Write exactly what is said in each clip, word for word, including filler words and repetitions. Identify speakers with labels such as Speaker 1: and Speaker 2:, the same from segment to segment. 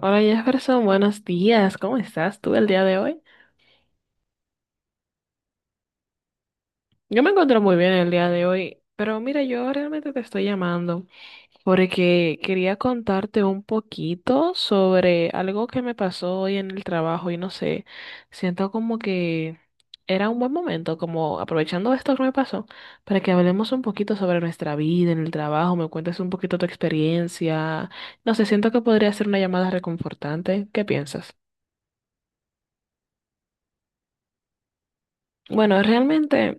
Speaker 1: Hola Jefferson, buenos días. ¿Cómo estás tú el día de hoy? Yo me encuentro muy bien el día de hoy, pero mira, yo realmente te estoy llamando porque quería contarte un poquito sobre algo que me pasó hoy en el trabajo y no sé, siento como que era un buen momento, como aprovechando esto que me pasó, para que hablemos un poquito sobre nuestra vida en el trabajo, me cuentes un poquito tu experiencia. No sé, siento que podría ser una llamada reconfortante. ¿Qué piensas? Bueno, realmente,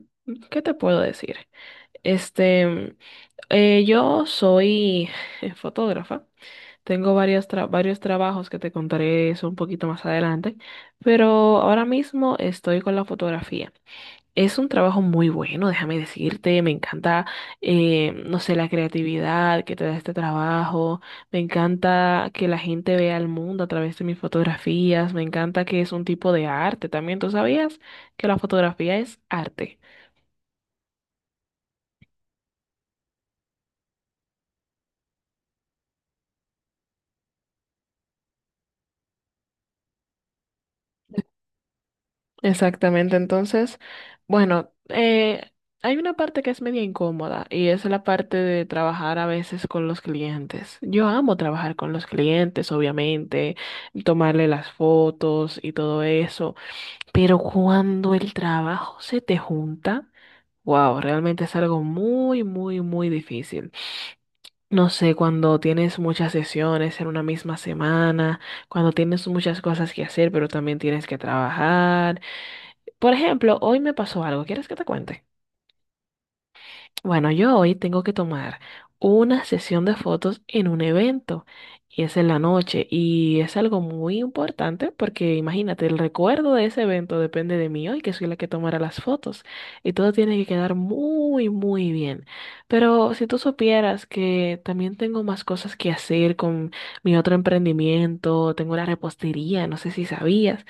Speaker 1: ¿qué te puedo decir? Este, eh, yo soy fotógrafa, tengo varios, tra- varios trabajos que te contaré eso un poquito más adelante, pero ahora mismo estoy con la fotografía. Es un trabajo muy bueno, déjame decirte, me encanta, eh, no sé, la creatividad que te da este trabajo, me encanta que la gente vea el mundo a través de mis fotografías, me encanta que es un tipo de arte también, ¿tú sabías que la fotografía es arte? Exactamente, entonces, bueno, eh, hay una parte que es media incómoda y es la parte de trabajar a veces con los clientes. Yo amo trabajar con los clientes, obviamente, tomarle las fotos y todo eso. Pero cuando el trabajo se te junta, wow, realmente es algo muy, muy, muy difícil. No sé, cuando tienes muchas sesiones en una misma semana, cuando tienes muchas cosas que hacer, pero también tienes que trabajar. Por ejemplo, hoy me pasó algo, ¿quieres que te cuente? Bueno, yo hoy tengo que tomar una sesión de fotos en un evento y es en la noche y es algo muy importante porque imagínate, el recuerdo de ese evento depende de mí hoy, que soy la que tomará las fotos y todo tiene que quedar muy, muy bien. Pero si tú supieras que también tengo más cosas que hacer con mi otro emprendimiento, tengo una repostería, no sé si sabías,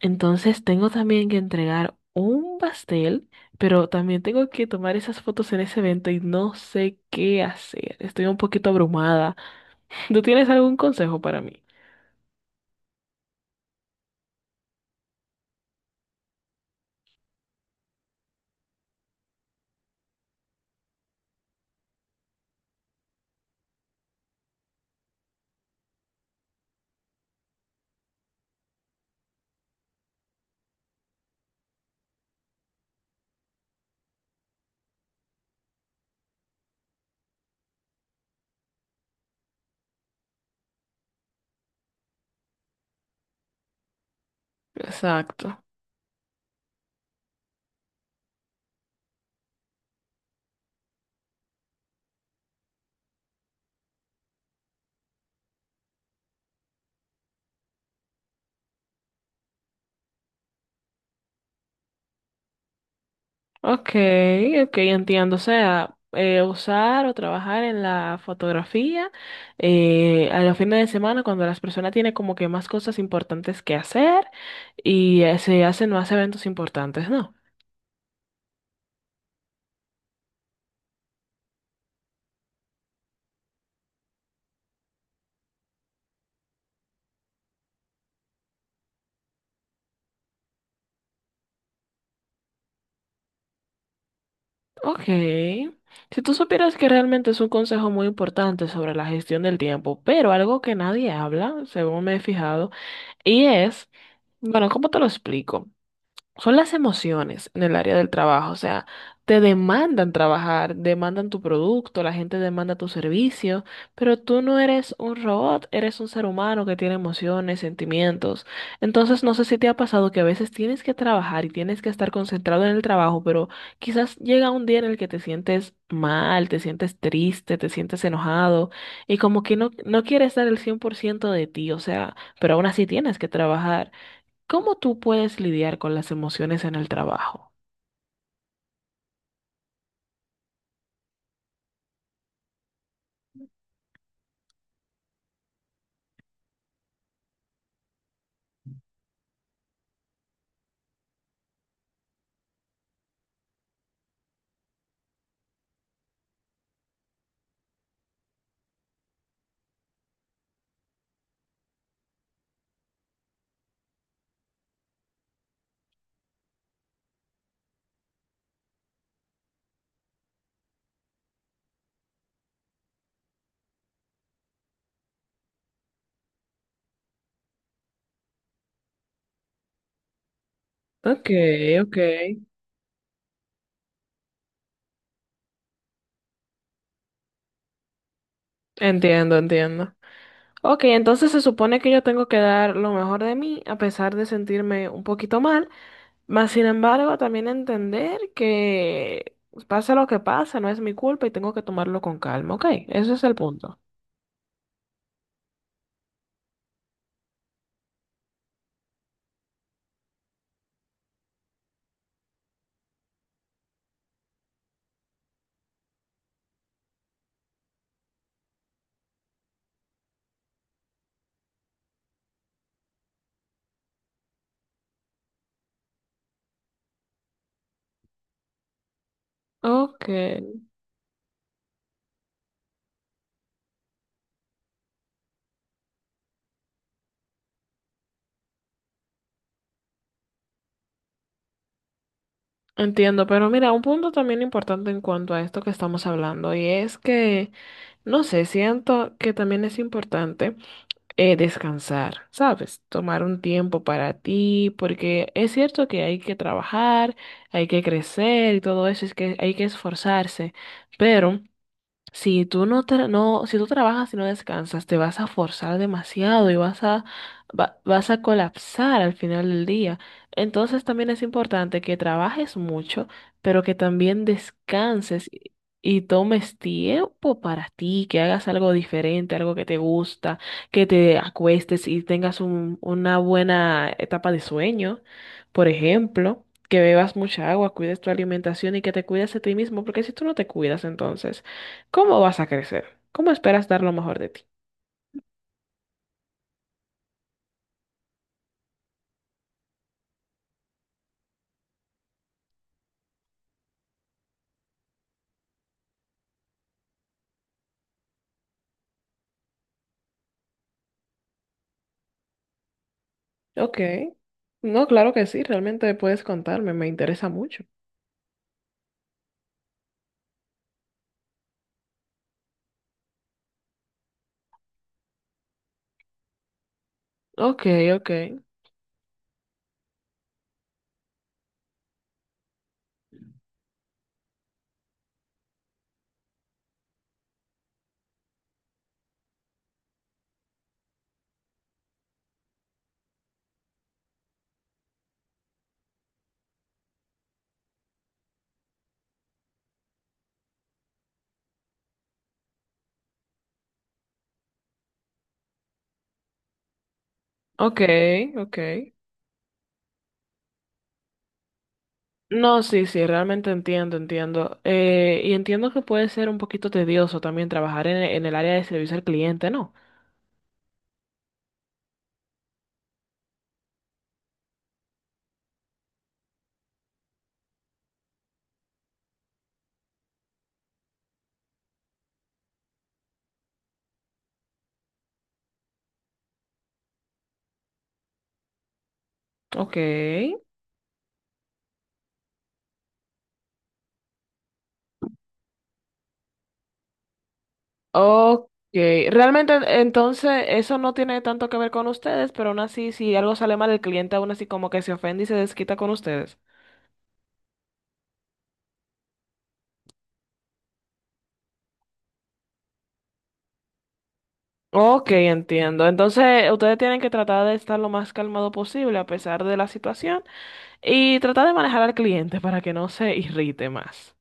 Speaker 1: entonces tengo también que entregar un pastel, pero también tengo que tomar esas fotos en ese evento y no sé qué hacer. Estoy un poquito abrumada. ¿Tú tienes algún consejo para mí? Exacto. Ok, ok, entiendo. O sea, eh, usar o trabajar en la fotografía eh, a los fines de semana cuando las personas tienen como que más cosas importantes que hacer y eh, se hacen más eventos importantes, ¿no? Ok. Si tú supieras que realmente es un consejo muy importante sobre la gestión del tiempo, pero algo que nadie habla, según me he fijado, y es, bueno, ¿cómo te lo explico? Son las emociones en el área del trabajo. O sea, te demandan trabajar, demandan tu producto, la gente demanda tu servicio, pero tú no eres un robot, eres un ser humano que tiene emociones, sentimientos. Entonces, no sé si te ha pasado que a veces tienes que trabajar y tienes que estar concentrado en el trabajo, pero quizás llega un día en el que te sientes mal, te sientes triste, te sientes enojado y como que no, no quieres dar el cien por ciento de ti, o sea, pero aún así tienes que trabajar. ¿Cómo tú puedes lidiar con las emociones en el trabajo? Ok, ok. Entiendo, entiendo. Ok, entonces se supone que yo tengo que dar lo mejor de mí a pesar de sentirme un poquito mal, mas sin embargo también entender que pasa lo que pasa, no es mi culpa y tengo que tomarlo con calma, ok, ese es el punto. Ok, entiendo, pero mira, un punto también importante en cuanto a esto que estamos hablando y es que, no sé, siento que también es importante eh, descansar, ¿sabes? Tomar un tiempo para ti, porque es cierto que hay que trabajar, hay que crecer y todo eso, es que hay que esforzarse, pero... Si tú no, tra- no, si tú trabajas y no descansas, te vas a forzar demasiado y vas a, va- vas a colapsar al final del día. Entonces también es importante que trabajes mucho, pero que también descanses y, y tomes tiempo para ti, que hagas algo diferente, algo que te gusta, que te acuestes y tengas un- una buena etapa de sueño, por ejemplo. Que bebas mucha agua, cuides tu alimentación y que te cuides de ti mismo, porque si tú no te cuidas, entonces ¿cómo vas a crecer? ¿Cómo esperas dar lo mejor de ti? Ok. No, claro que sí, realmente puedes contarme, me interesa mucho. Ok, ok, ok, ok. No, sí, sí, realmente entiendo, entiendo. Eh, y entiendo que puede ser un poquito tedioso también trabajar en, en el área de servicio al cliente, ¿no? Ok, ok. Realmente entonces eso no tiene tanto que ver con ustedes, pero aún así si algo sale mal el cliente aún así como que se ofende y se desquita con ustedes. Ok, entiendo. Entonces, ustedes tienen que tratar de estar lo más calmado posible a pesar de la situación y tratar de manejar al cliente para que no se irrite más.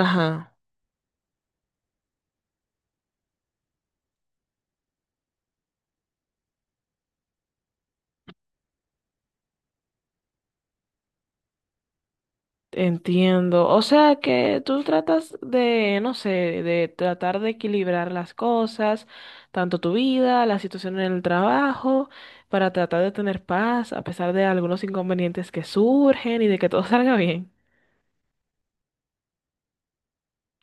Speaker 1: Ajá, entiendo. O sea que tú tratas de, no sé, de tratar de equilibrar las cosas, tanto tu vida, la situación en el trabajo, para tratar de tener paz a pesar de algunos inconvenientes que surgen y de que todo salga bien.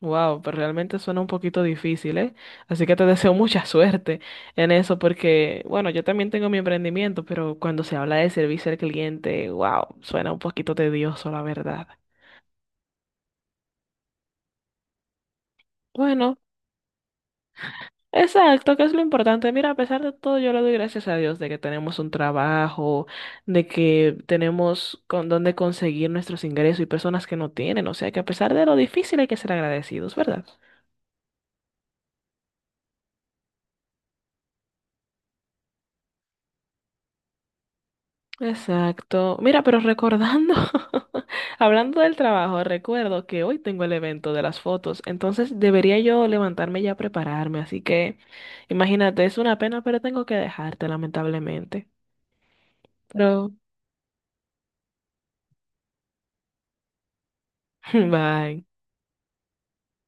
Speaker 1: Wow, pero realmente suena un poquito difícil, ¿eh? Así que te deseo mucha suerte en eso porque, bueno, yo también tengo mi emprendimiento, pero cuando se habla de servicio al cliente, wow, suena un poquito tedioso, la verdad. Bueno, exacto, que es lo importante. Mira, a pesar de todo, yo le doy gracias a Dios de que tenemos un trabajo, de que tenemos con dónde conseguir nuestros ingresos y personas que no tienen. O sea que a pesar de lo difícil hay que ser agradecidos, ¿verdad? Exacto. Mira, pero recordando, hablando del trabajo, recuerdo que hoy tengo el evento de las fotos, entonces debería yo levantarme ya a prepararme, así que imagínate, es una pena, pero tengo que dejarte, lamentablemente. Pero, bye.